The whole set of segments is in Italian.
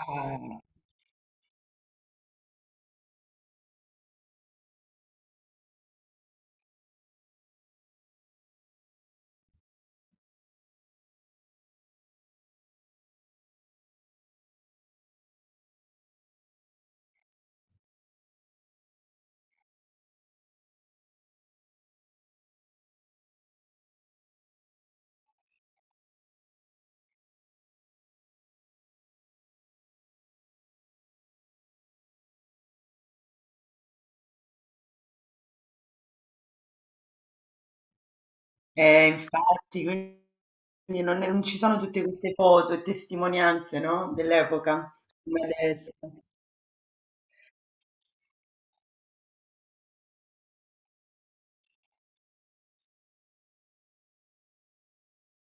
Eh, eh, infatti, quindi non ci sono tutte queste foto e testimonianze, no? Dell'epoca, come adesso.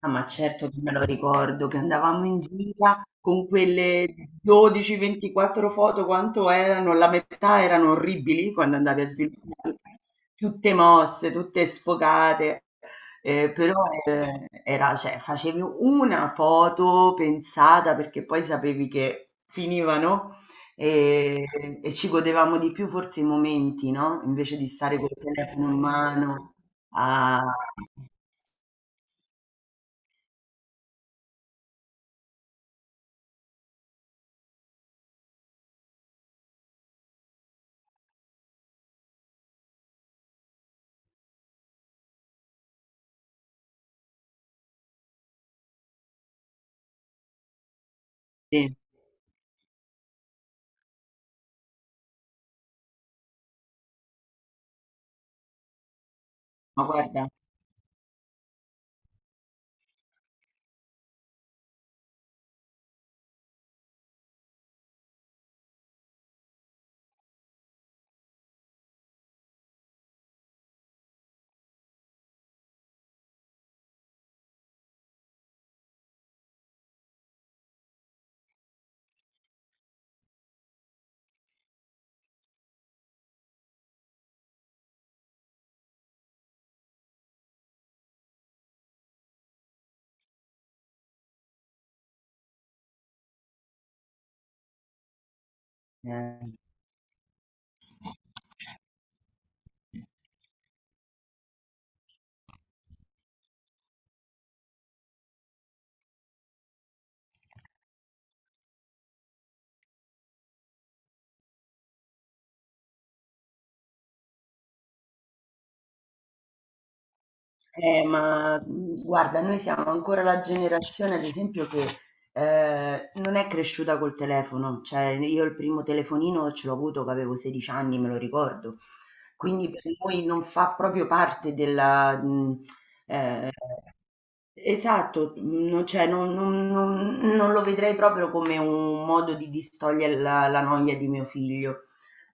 Ah, ma certo che me lo ricordo che andavamo in gira con quelle 12-24 foto, quanto erano? La metà erano orribili quando andavi a sviluppare, tutte mosse, tutte sfocate, però era, cioè, facevi una foto pensata perché poi sapevi che finivano e, e ci godevamo di più forse i momenti, no? Invece di stare col telefono in mano a... Sì, ma guarda. Eh, ma guarda, noi siamo ancora la generazione, ad esempio, che non è cresciuta col telefono. Cioè, io il primo telefonino ce l'ho avuto che avevo 16 anni, me lo ricordo. Quindi per noi non fa proprio parte della ehm esatto, non cioè non lo vedrei proprio come un modo di distogliere la noia di mio figlio.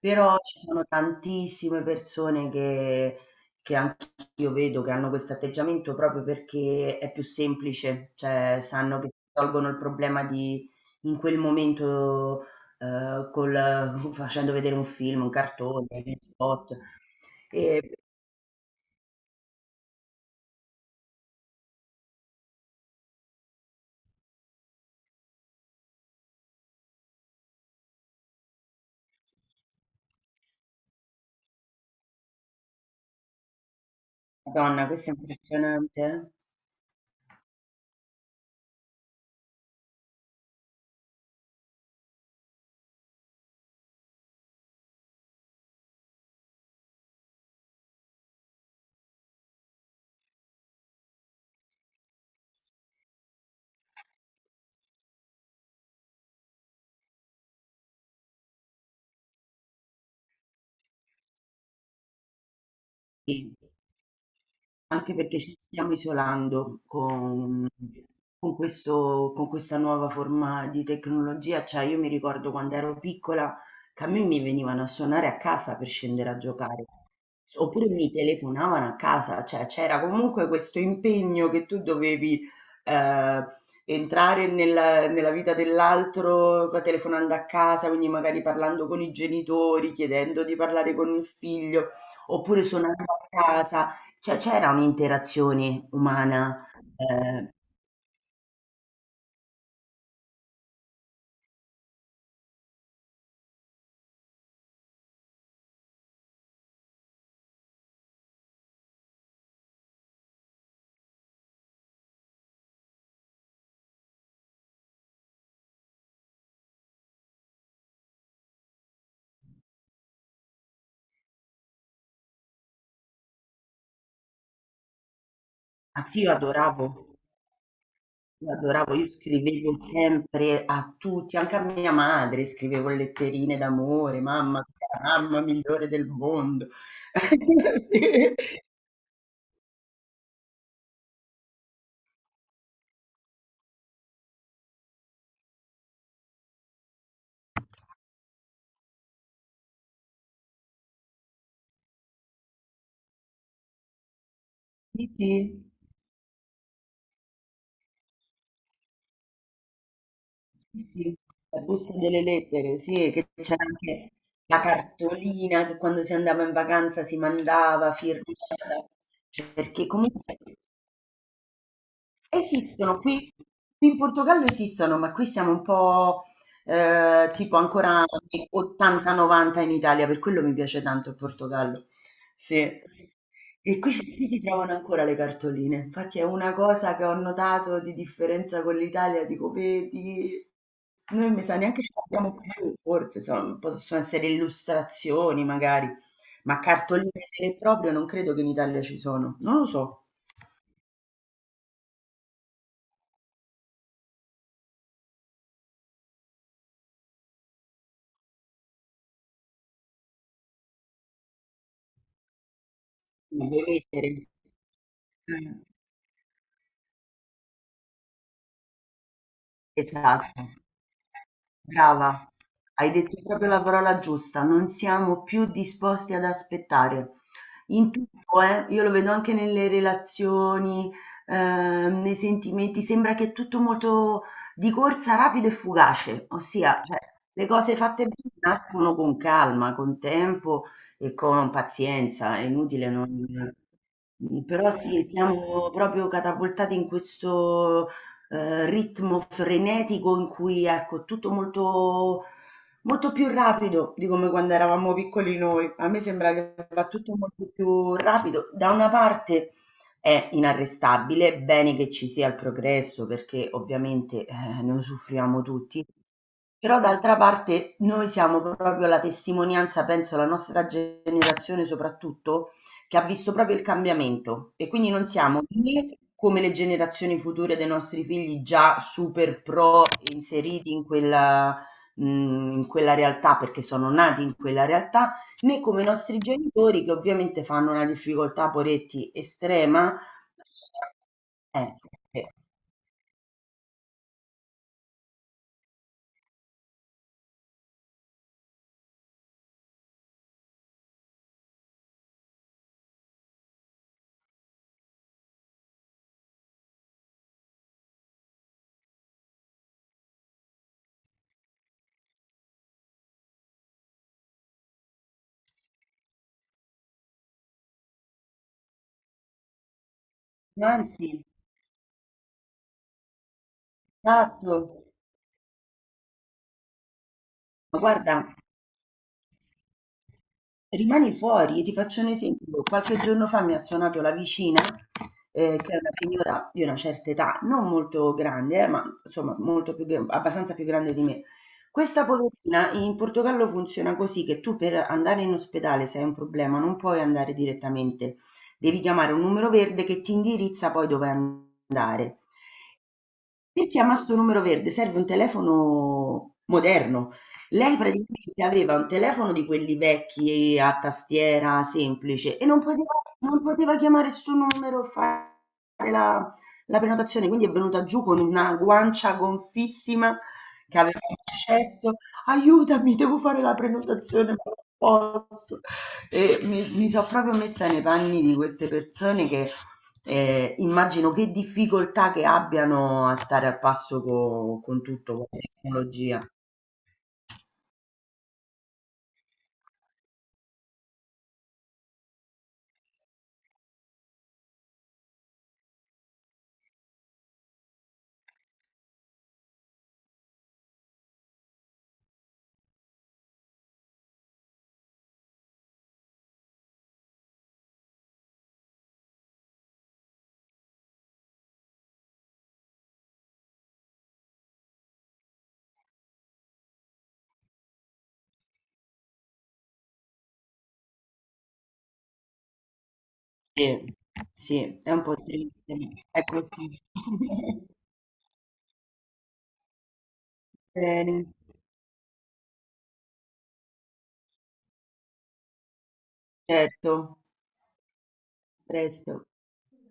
Però ci sono tantissime persone che anch'io vedo che hanno questo atteggiamento proprio perché è più semplice, cioè sanno che tolgono il problema di in quel momento col facendo vedere un film, un cartone, gli spot. E madonna, questo è impressionante. Eh. Sì. Anche perché ci stiamo isolando con questa nuova forma di tecnologia, cioè io mi ricordo quando ero piccola che a me mi venivano a suonare a casa per scendere a giocare, oppure mi telefonavano a casa, cioè c'era comunque questo impegno che tu dovevi eh, entrare nella vita dell'altro telefonando a casa, quindi magari parlando con i genitori, chiedendo di parlare con il figlio, oppure suonando a casa. Cioè c'era un'interazione umana. Ehm ah sì, io adoravo, io scrivevo sempre a tutti, anche a mia madre scrivevo letterine d'amore, mamma tu sei la mamma migliore del mondo. Sì, sì, sì, sì, sì, la busta delle lettere, sì, che c'era anche la cartolina che quando si andava in vacanza si mandava firmata, perché comunque esistono qui in Portogallo esistono, ma qui siamo un po', tipo ancora anni 80, 90 in Italia, per quello mi piace tanto il Portogallo. Sì. E qui si trovano ancora le cartoline. Infatti è una cosa che ho notato di differenza con l'Italia, dico: "Vedi, noi mi sa neanche ce l'abbiamo più, forse son possono essere illustrazioni magari, ma cartoline vere e proprie non credo che in Italia ci sono, non lo so". Nelle lettere. Mh. Esatto. Brava. Hai detto proprio la parola giusta, non siamo più disposti ad aspettare. In tutto, io lo vedo anche nelle relazioni, nei sentimenti, sembra che è tutto molto di corsa, rapido e fugace, ossia, cioè, le cose fatte bene nascono con calma, con tempo e con pazienza, è inutile non... Però sì, siamo proprio catapultati in questo ritmo frenetico in cui, ecco, è tutto molto molto più rapido di come quando eravamo piccoli noi. A me sembra che va tutto molto più rapido. Da una parte è inarrestabile, bene che ci sia il progresso perché ovviamente ne usufruiamo tutti, però d'altra parte noi siamo proprio la testimonianza, penso, la nostra generazione soprattutto, che ha visto proprio il cambiamento e quindi non siamo né come le generazioni future dei nostri figli già super pro inseriti mh, in quella realtà perché sono nati in quella realtà, né come i nostri genitori che ovviamente fanno una difficoltà, poretti, estrema. Eh, eh. Anzi, esatto. Ma guarda, rimani fuori e ti faccio un esempio. Qualche giorno fa mi ha suonato la vicina, che è una signora di una certa età, non molto grande ma insomma molto più gr abbastanza più grande di me. Questa poverina in Portogallo funziona così che tu per andare in ospedale se hai un problema non puoi andare direttamente, devi chiamare un numero verde che ti indirizza poi dove andare. E chiama sto numero verde, serve un telefono moderno. Lei praticamente aveva un telefono di quelli vecchi a tastiera semplice e non poteva chiamare sto numero e fare la, la prenotazione, quindi è venuta giù con una guancia gonfissima che aveva accesso. Aiutami, devo fare la prenotazione, ma non posso. E mi sono proprio messa nei panni di queste persone che immagino che difficoltà che abbiano a stare al passo co con tutto, con la tecnologia. Sì, sì, è un po' triste, ma è così. Bene, certo, presto.